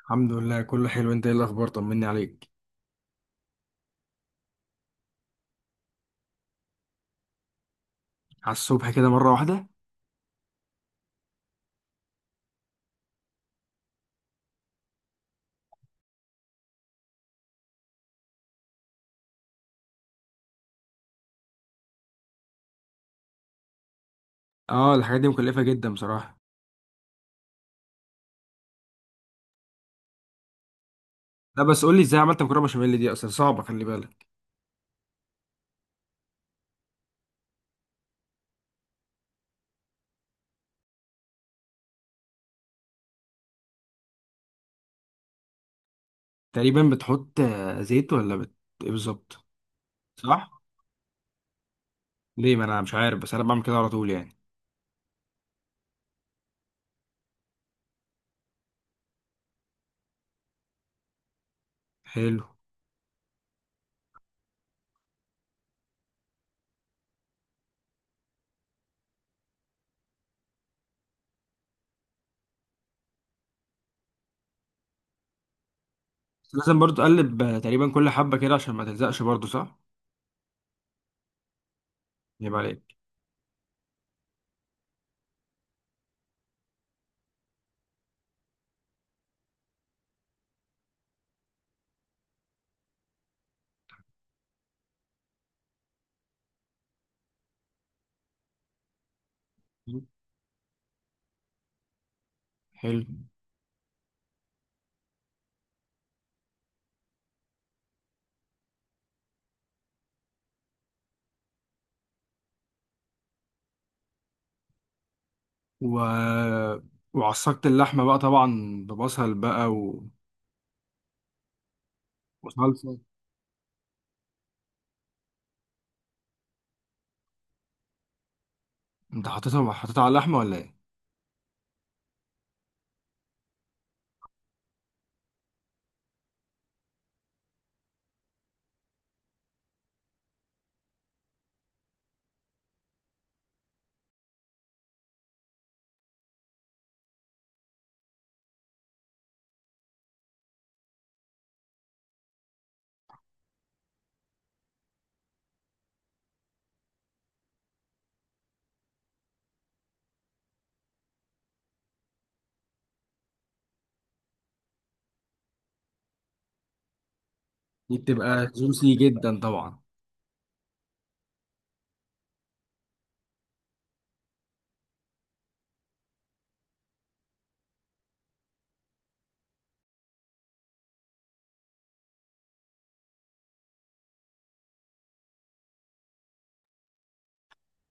الحمد لله كله حلو. انت ايه الاخبار؟ طمني عليك. على الصبح كده مره واحده؟ اه الحاجات دي مكلفه جدا بصراحه. لا بس قول لي ازاي عملت مكرونه بشاميل؟ دي اصلا صعبه، خلي بالك. تقريبا بتحط زيت ولا ايه بالظبط؟ صح. ليه؟ ما انا مش عارف، بس انا بعمل كده على طول يعني. حلو. بس لازم برضو تقلب تقريبا كل حبه كده عشان ما تلزقش، برضو صح؟ يبقى عليك. حلو و... وعصقت اللحمه بقى طبعا ببصل بقى وصلصه. انت حطيتها على اللحمه ولا ايه؟ دي بتبقى جوسي جدا طبعا.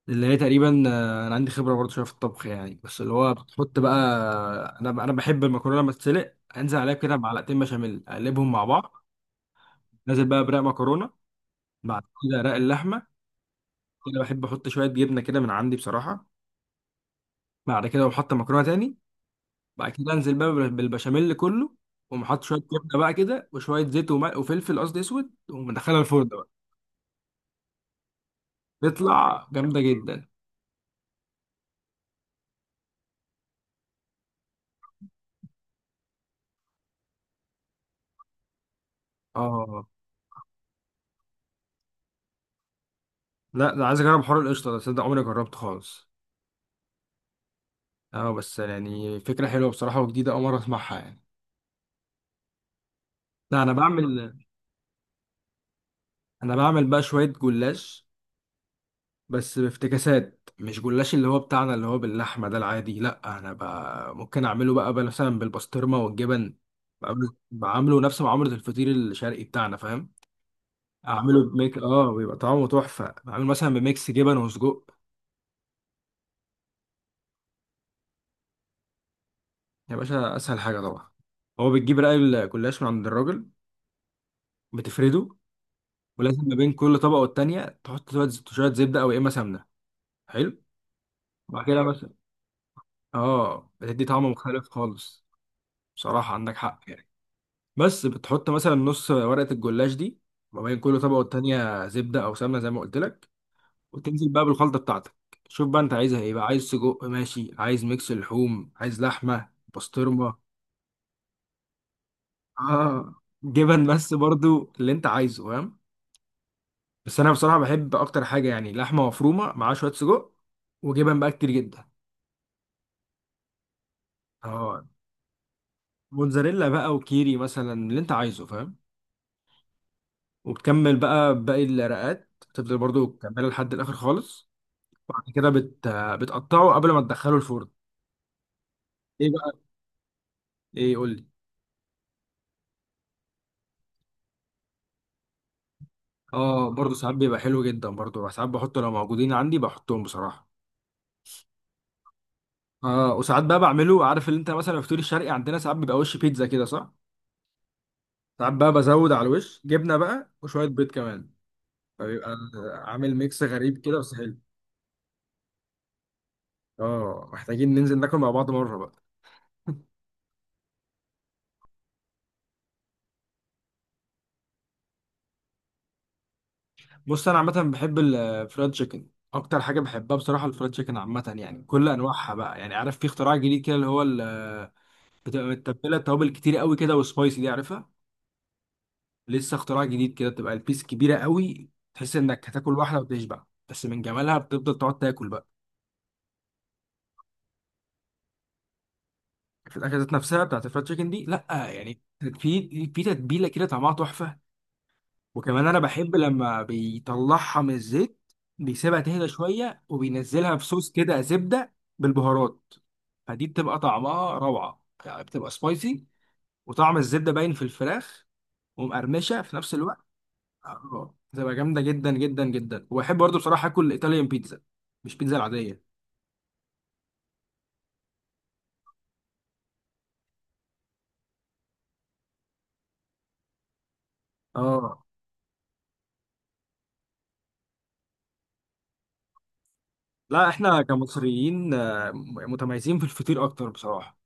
اللي هي تقريبا انا عندي خبره برضه شويه في الطبخ يعني، بس اللي هو بتحط بقى، انا بحب المكرونه لما تتسلق انزل عليها كده معلقتين بشاميل اقلبهم مع بعض. نازل بقى برق مكرونه، بعد كده رق اللحمه، كده بحب احط شويه جبنه كده من عندي بصراحه. بعد كده بحط مكرونه تاني، بعد كده انزل بقى بالبشاميل كله، ومحط شويه جبنه بقى كده وشويه زيت وملح وفلفل، قصدي اسود، ومدخلها الفرن بقى. بيطلع جامده جدا. اه لا ده عايز اجرب حوار القشطه ده، تصدق عمري ما جربته خالص. اه بس يعني فكره حلوه بصراحه وجديده، اول مره اسمعها يعني. لا انا بعمل انا بعمل بقى شويه جلاش، بس بافتكاسات. مش جلاش اللي هو بتاعنا اللي هو باللحمه ده العادي. لا انا بقى ممكن اعمله بقى مثلا بالبسطرمه والجبن. بعمله نفس معامله الفطير الشرقي بتاعنا، فاهم؟ اعمله بميك، اه، بيبقى طعمه تحفه. بعمله مثلا بميكس جبن وسجق. يا باشا اسهل حاجه طبعا، هو بتجيب رقاق الجلاش من عند الراجل، بتفرده، ولازم ما بين كل طبقه والتانيه تحط شوية زبده او يا اما سمنه. حلو. وبعد كده مثلا، اه، بتدي طعم مختلف خالص. بصراحه عندك حق يعني. بس بتحط مثلا نص ورقه الجلاش دي ما بين كل طبقه والتانيه زبده او سمنه، زي ما قلت لك. وتنزل بقى بالخلطه بتاعتك. شوف بقى انت عايزها ايه بقى؟ عايز سجق ماشي، عايز ميكس لحوم، عايز لحمه بسطرمه، اه، جبن، بس برضو اللي انت عايزه، فاهم؟ بس انا بصراحه بحب اكتر حاجه يعني لحمه مفرومه مع شويه سجق وجبن بقى كتير جدا. اه موتزاريلا بقى وكيري مثلا، اللي انت عايزه، فاهم؟ وبتكمل بقى باقي الرقات، تفضل برضو تكملها لحد الاخر خالص. وبعد كده بتقطعه قبل ما تدخله الفرن. ايه بقى؟ ايه قول لي. اه برضو ساعات بيبقى حلو جدا، برضو ساعات بحطه لو موجودين عندي، بحطهم بصراحة. اه وساعات بقى بعمله، عارف اللي انت مثلا في الفطير الشرقي عندنا ساعات بيبقى وش بيتزا كده، صح؟ ساعات بقى بزود على الوش جبنة بقى وشوية بيض كمان، فبيبقى عامل ميكس غريب كده بس حلو. اه محتاجين ننزل ناكل مع بعض مرة بقى. بص انا عامه بحب الفرايد تشيكن اكتر حاجه بحبها بصراحه. الفرايد تشيكن عامه يعني كل انواعها بقى يعني. عارف في اختراع جديد كده اللي هو بتبقى متبله توابل كتير قوي كده وسبايسي، دي عارفها؟ لسه اختراع جديد كده، بتبقى البيس كبيره قوي تحس انك هتاكل واحده وتشبع، بس من جمالها بتفضل تقعد تاكل بقى. في الاكلات ذات نفسها بتاعت الفرايد تشيكن دي، لا يعني، في في تتبيله كده طعمها تحفه. وكمان انا بحب لما بيطلعها من الزيت بيسيبها تهدى شويه وبينزلها في صوص كده زبده بالبهارات. فدي بتبقى طعمها روعه يعني، بتبقى سبايسي وطعم الزبده باين في الفراخ ومقرمشه في نفس الوقت. اه بتبقى جامده جدا جدا جدا. وبحب برضه بصراحه اكل الايطاليان بيتزا، مش بيتزا العاديه. اه لا احنا كمصريين، متميزين في الفطير اكتر بصراحه.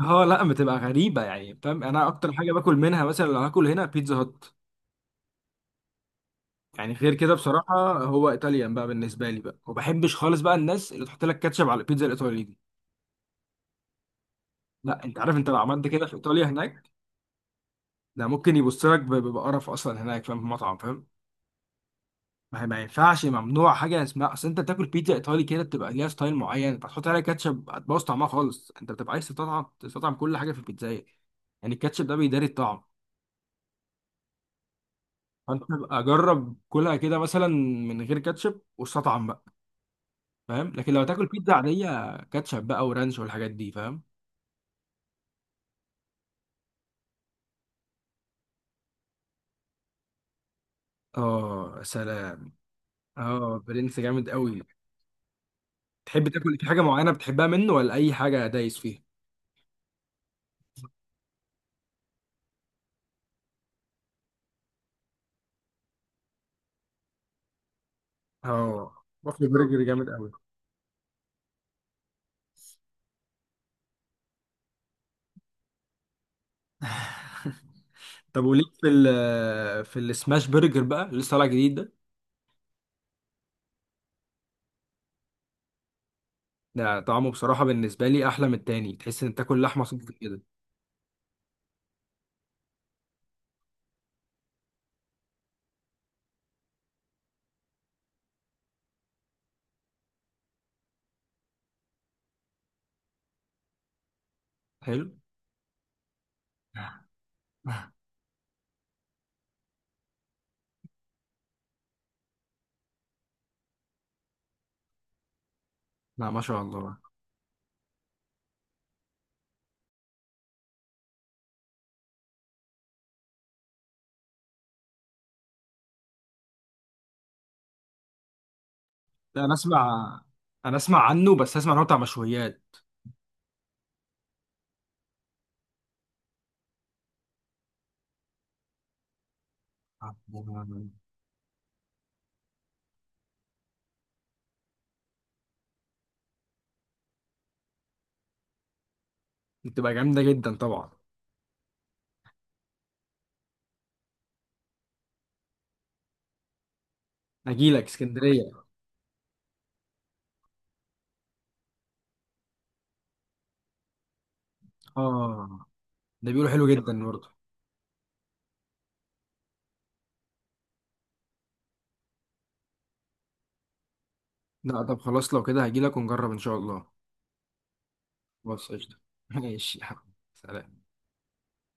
اه لا بتبقى غريبه يعني، فاهم؟ انا اكتر حاجه باكل منها مثلا لو هاكل هنا بيتزا هات، يعني غير كده بصراحة. هو ايطاليان بقى بالنسبة لي بقى، وما بحبش خالص بقى الناس اللي تحط لك كاتشب على البيتزا الايطالي دي. لا انت عارف انت لو عملت كده في ايطاليا هناك، ده ممكن يبص لك بقرف اصلا هناك، فاهم؟ في المطعم، فاهم؟ ما ينفعش، ممنوع حاجة اسمها، اصل انت بتاكل بيتزا ايطالي كده بتبقى ليها ستايل معين، انت هتحط عليها كاتشب هتبوظ طعمها خالص. انت بتبقى عايز تطعم كل حاجة في البيتزاية، يعني الكاتشب ده بيداري الطعم. فانت بقى جرب كلها كده مثلا من غير كاتشب واستطعم بقى، فاهم؟ لكن لو تاكل بيتزا عادية كاتشب بقى ورانش والحاجات دي، فاهم؟ اه سلام. اه برنس جامد قوي. تحب تاكل في حاجه معينه بتحبها منه، ولا اي حاجه دايس فيها؟ اه وافل برجر جامد قوي. طب وليك في في السماش برجر بقى اللي لسه طالع جديد ده؟ ده طعمه بصراحه بالنسبه لي احلى من التاني، تحس ان تاكل لحمه صدف كده. حلو. لا ما شاء الله. لا انا اسمع انا اسمع عنه، بس اسمع ان هو بتاع مشويات. بتبقى جامده جدا طبعا. اجي لك اسكندريه. اه ده بيقولوا حلو جدا برضه. لا طب خلاص لو كده هجيلك ونجرب ان شاء الله. خلاص قشطة. ماشي يا حبيبي، سلام.